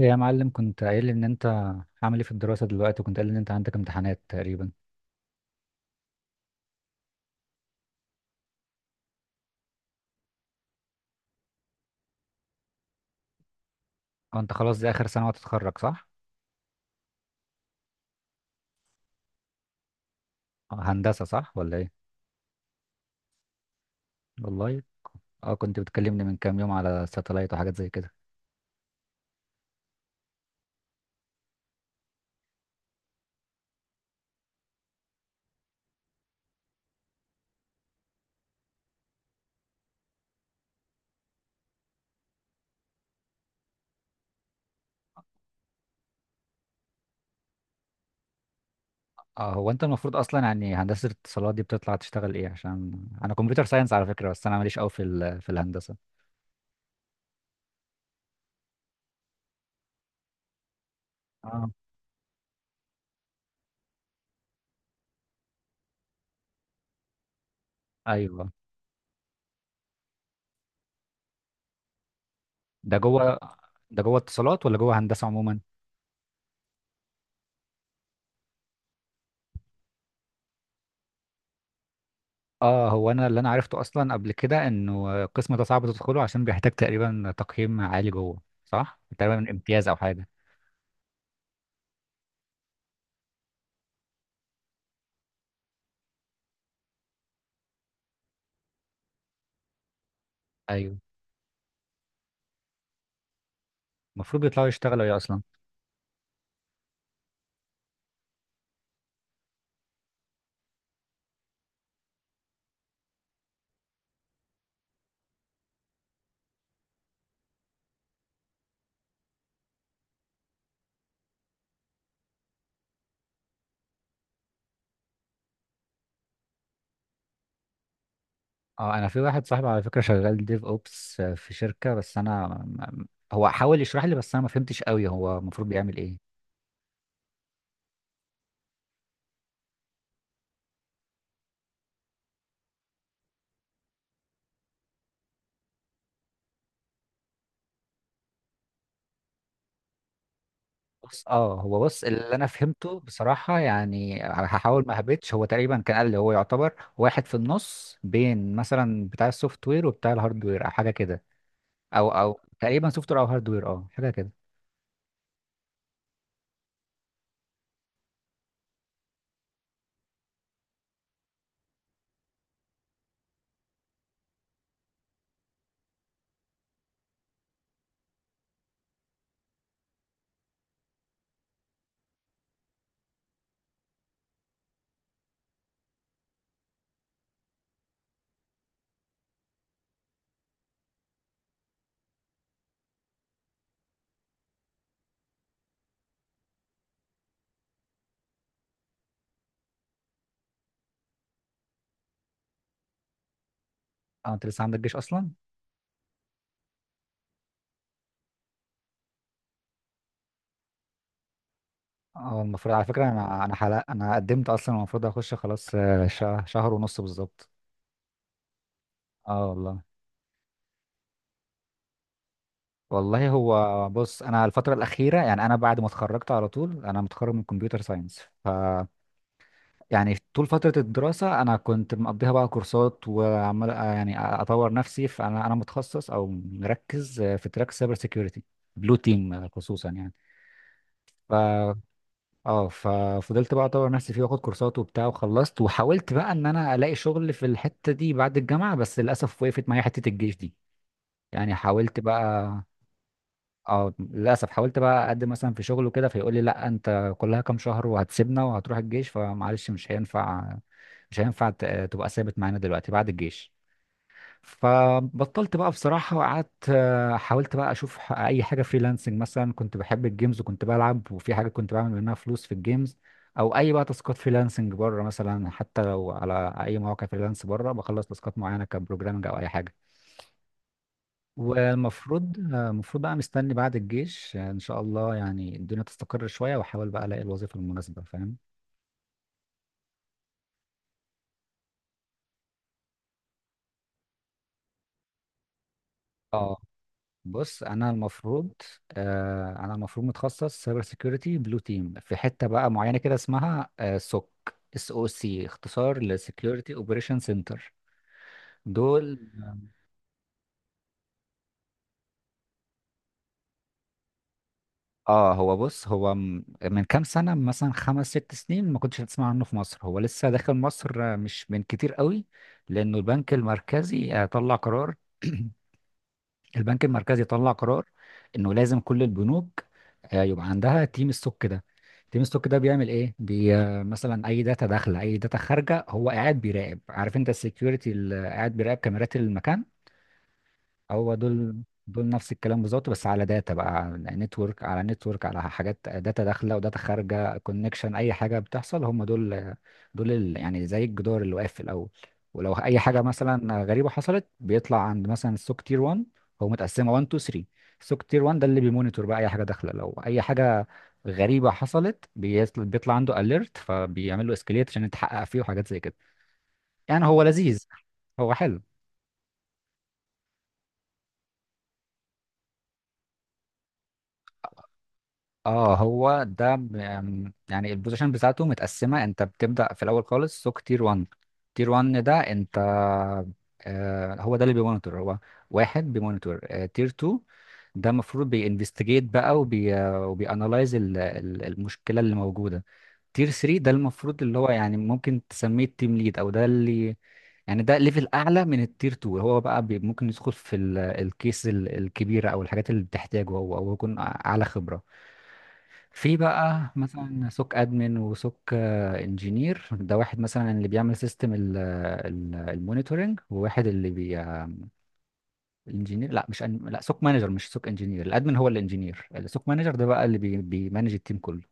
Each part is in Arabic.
إيه يا معلم، كنت قايل لي ان انت عامل ايه في الدراسة دلوقتي، وكنت قايل لي ان انت عندك امتحانات تقريبا. اه، انت خلاص دي اخر سنة وتتخرج، صح؟ هندسة، صح ولا ايه؟ والله. اه، كنت بتكلمني من كام يوم على ساتلايت وحاجات زي كده. اه، هو انت المفروض اصلا، يعني هندسة الاتصالات دي بتطلع تشتغل ايه؟ عشان انا كمبيوتر ساينس على فكرة، بس انا ماليش قوي في في الهندسة. اه. ايوه. ده جوه ده جوه اتصالات ولا جوه هندسة عموما؟ اه، هو انا اللي انا عرفته اصلا قبل كده، انه القسم ده صعب تدخله عشان بيحتاج تقريبا تقييم عالي جوه، صح؟ تقريبا امتياز او حاجه. ايوه. المفروض بيطلعوا يشتغلوا ايه اصلا؟ اه، انا في واحد صاحبي على فكره شغال ديف اوبس في شركه، بس انا هو حاول يشرح لي بس انا ما فهمتش قوي هو المفروض بيعمل ايه. بص، اه، هو بص اللي انا فهمته بصراحه، يعني هحاول ما هبتش، هو تقريبا كان قال لي هو يعتبر واحد في النص بين مثلا بتاع السوفت وير وبتاع الهارد وير او حاجه كده. او تقريبا سوفت وير او هاردوير، اه، حاجه كده. اه، انت لسه عندك جيش اصلا؟ اه، المفروض على فكره، انا حلق، انا قدمت اصلا، المفروض اخش خلاص، شهر ونص بالظبط. اه، والله. والله، هو بص، انا الفتره الاخيره يعني، انا بعد ما اتخرجت على طول، انا متخرج من كمبيوتر ساينس، ف يعني طول فتره الدراسه انا كنت مقضيها بقى كورسات، وعمال يعني اطور نفسي، فانا متخصص او مركز في تراك سايبر سيكيورتي بلو تيم خصوصا، يعني. اه، ففضلت بقى اطور نفسي فيه، واخد كورسات وبتاع وخلصت، وحاولت بقى ان انا الاقي شغل في الحته دي بعد الجامعه، بس للاسف وقفت معايا حته الجيش دي. يعني حاولت بقى. اه، للاسف حاولت بقى اقدم مثلا في شغل وكده، فيقول لي لا انت كلها كام شهر وهتسيبنا وهتروح الجيش، فمعلش مش هينفع. مش هينفع تبقى ثابت معانا دلوقتي بعد الجيش. فبطلت بقى بصراحة، وقعدت حاولت بقى أشوف أي حاجة فريلانسنج مثلا، كنت بحب الجيمز وكنت بلعب، وفي حاجة كنت بعمل منها فلوس في الجيمز، أو أي بقى تاسكات فريلانسنج بره مثلا، حتى لو على أي مواقع فريلانس بره بخلص تاسكات معينة كبروجرامنج أو أي حاجة. والمفروض، المفروض بقى مستني بعد الجيش، إن شاء الله يعني الدنيا تستقر شوية، وأحاول بقى ألاقي الوظيفة المناسبة، فاهم. اه، بص، انا المفروض، متخصص سايبر سيكيورتي بلو تيم في حته بقى معينه كده اسمها سوك، SOC، اختصار لسكيورتي اوبريشن سنتر. دول. اه، هو بص، من كام سنه، مثلا خمس ست سنين، ما كنتش هتسمع عنه في مصر، هو لسه داخل مصر مش من كتير قوي. لانه البنك المركزي آه، طلع قرار البنك المركزي طلع قرار انه لازم كل البنوك يبقى عندها تيم ستوك ده. تيم ستوك ده بيعمل ايه؟ بي آه، مثلا اي داتا داخله، اي داتا خارجه، هو قاعد بيراقب. عارف انت السكيورتي اللي قاعد بيراقب كاميرات المكان؟ هو دول. نفس الكلام بالظبط، بس على داتا بقى، نتورك، على نتورك، على حاجات داتا داخله وداتا خارجه، كونكشن، اي حاجه بتحصل، هم دول. دول يعني زي الجدار اللي واقف في الاول. ولو اي حاجه مثلا غريبه حصلت، بيطلع عند مثلا السوك تير 1. هو متقسمه 1، 2، 3. السوك تير 1 ده اللي بيمونيتور بقى اي حاجه داخله، لو اي حاجه غريبه حصلت بيطلع عنده اليرت، فبيعمل له اسكليت عشان يتحقق فيه وحاجات زي كده. يعني هو لذيذ. هو حلو. اه، هو ده ب- أم، يعني البوزيشن بتاعته متقسمه. انت بتبدا في الاول خالص سوق تير 1. تير 1 ده انت، آه هو ده اللي بيمونيتور. هو واحد بيمونيتور. آه، تير 2 ده المفروض بينفستيجيت بقى، وبيانالايز المشكله اللي موجوده. تير 3 ده المفروض اللي هو، يعني ممكن تسميه التيم ليد، او ده اللي يعني ده ليفل اعلى من التير 2، هو بقى ممكن يدخل في الكيس الكبيره، او الحاجات اللي بتحتاجه هو، او يكون اعلى خبره. في بقى مثلا سوك ادمن وسوك انجينير، ده واحد مثلا اللي بيعمل سيستم المونيتورنج، وواحد اللي بي الانجينير، لا مش لا، سوك مانجر مش سوك انجينير، الادمن هو الانجينير، السوك مانجر ده بقى اللي بيمانج التيم كله.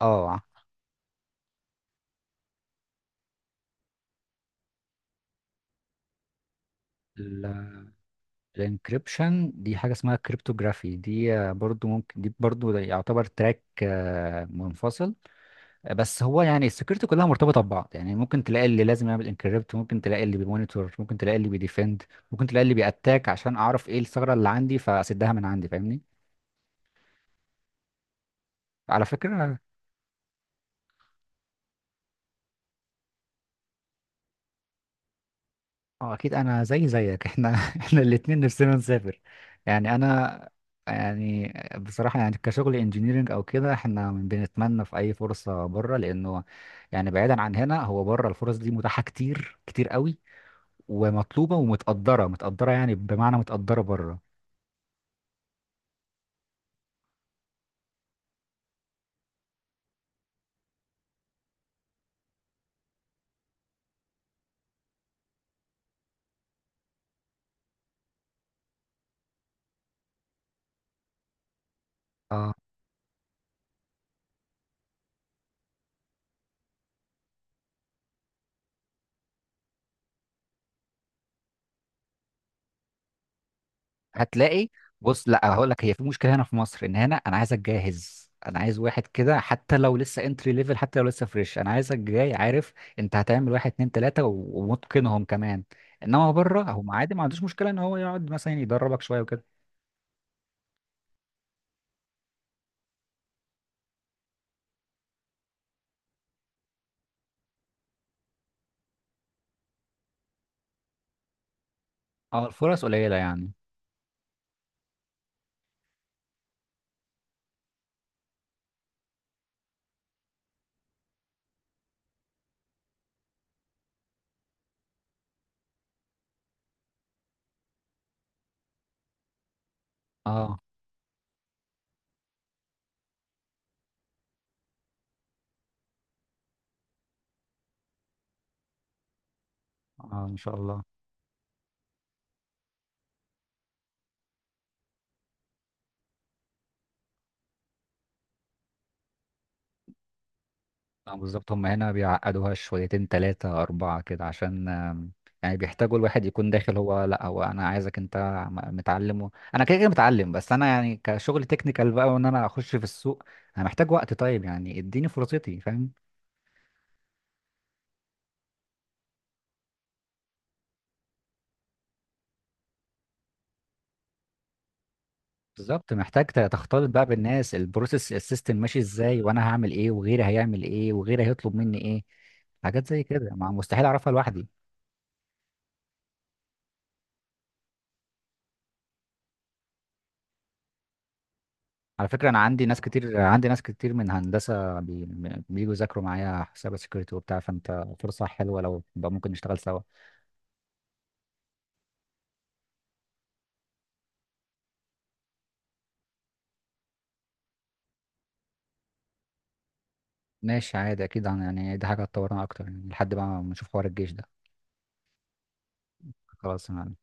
اه، الانكريبشن دي حاجه اسمها كريبتوغرافي، دي برضو ممكن، دي برضو ده يعتبر تراك منفصل. بس هو يعني السكيورتي كلها مرتبطه ببعض، يعني ممكن تلاقي اللي لازم يعمل انكريبت، ممكن تلاقي اللي بيمونيتور، ممكن تلاقي اللي بيديفند، ممكن تلاقي اللي بيأتاك عشان اعرف ايه الثغره اللي عندي فاسدها من عندي، فاهمني. على فكره. اه، اكيد انا زي زيك احنا الاتنين نفسنا نسافر. يعني انا، يعني بصراحه، يعني كشغل انجينيرنج او كده احنا بنتمنى في اي فرصه بره، لانه يعني بعيدا عن هنا، هو بره الفرص دي متاحه كتير كتير قوي، ومطلوبه ومتقدره، متقدره يعني، بمعنى متقدره بره. هتلاقي. بص، لا هقول لك، هي في مشكله هنا في مصر، ان هنا انا عايزك جاهز، انا عايز واحد كده حتى لو لسه انتري ليفل، حتى لو لسه فريش، انا عايزك جاي، عارف؟ انت هتعمل واحد اتنين تلاته ومتقنهم كمان. انما بره هو عادي، ما عندوش مشكله ان هو يقعد مثلا يدربك شويه وكده. اه، الفرص قليله يعني. اه. اه، ان شاء الله. اه، بالظبط، هم هنا بيعقدوها شويتين تلاتة أربعة كده، عشان يعني بيحتاجوا الواحد يكون داخل. هو لا، هو أنا عايزك أنت متعلم أنا كده كده متعلم، بس أنا يعني كشغل تكنيكال بقى، وإن أنا أخش في السوق أنا محتاج وقت، طيب يعني إديني فرصتي، فاهم. بالظبط، محتاج تختلط بقى بالناس، البروسيس السيستم ماشي إزاي، وأنا هعمل إيه وغيري هيعمل إيه وغيري هيطلب مني إيه، حاجات زي كده ما مستحيل أعرفها لوحدي. على فكرة أنا عندي ناس كتير، عندي ناس كتير من هندسة بييجوا يذاكروا معايا حساب سكيورتي وبتاع، فأنت فرصة حلوة لو بقى ممكن نشتغل سوا. ماشي عادي، أكيد يعني دي حاجة هتطورنا أكتر، يعني لحد ما نشوف حوار الجيش ده. خلاص أنا.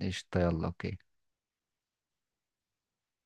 قشطة، يلا، أوكي.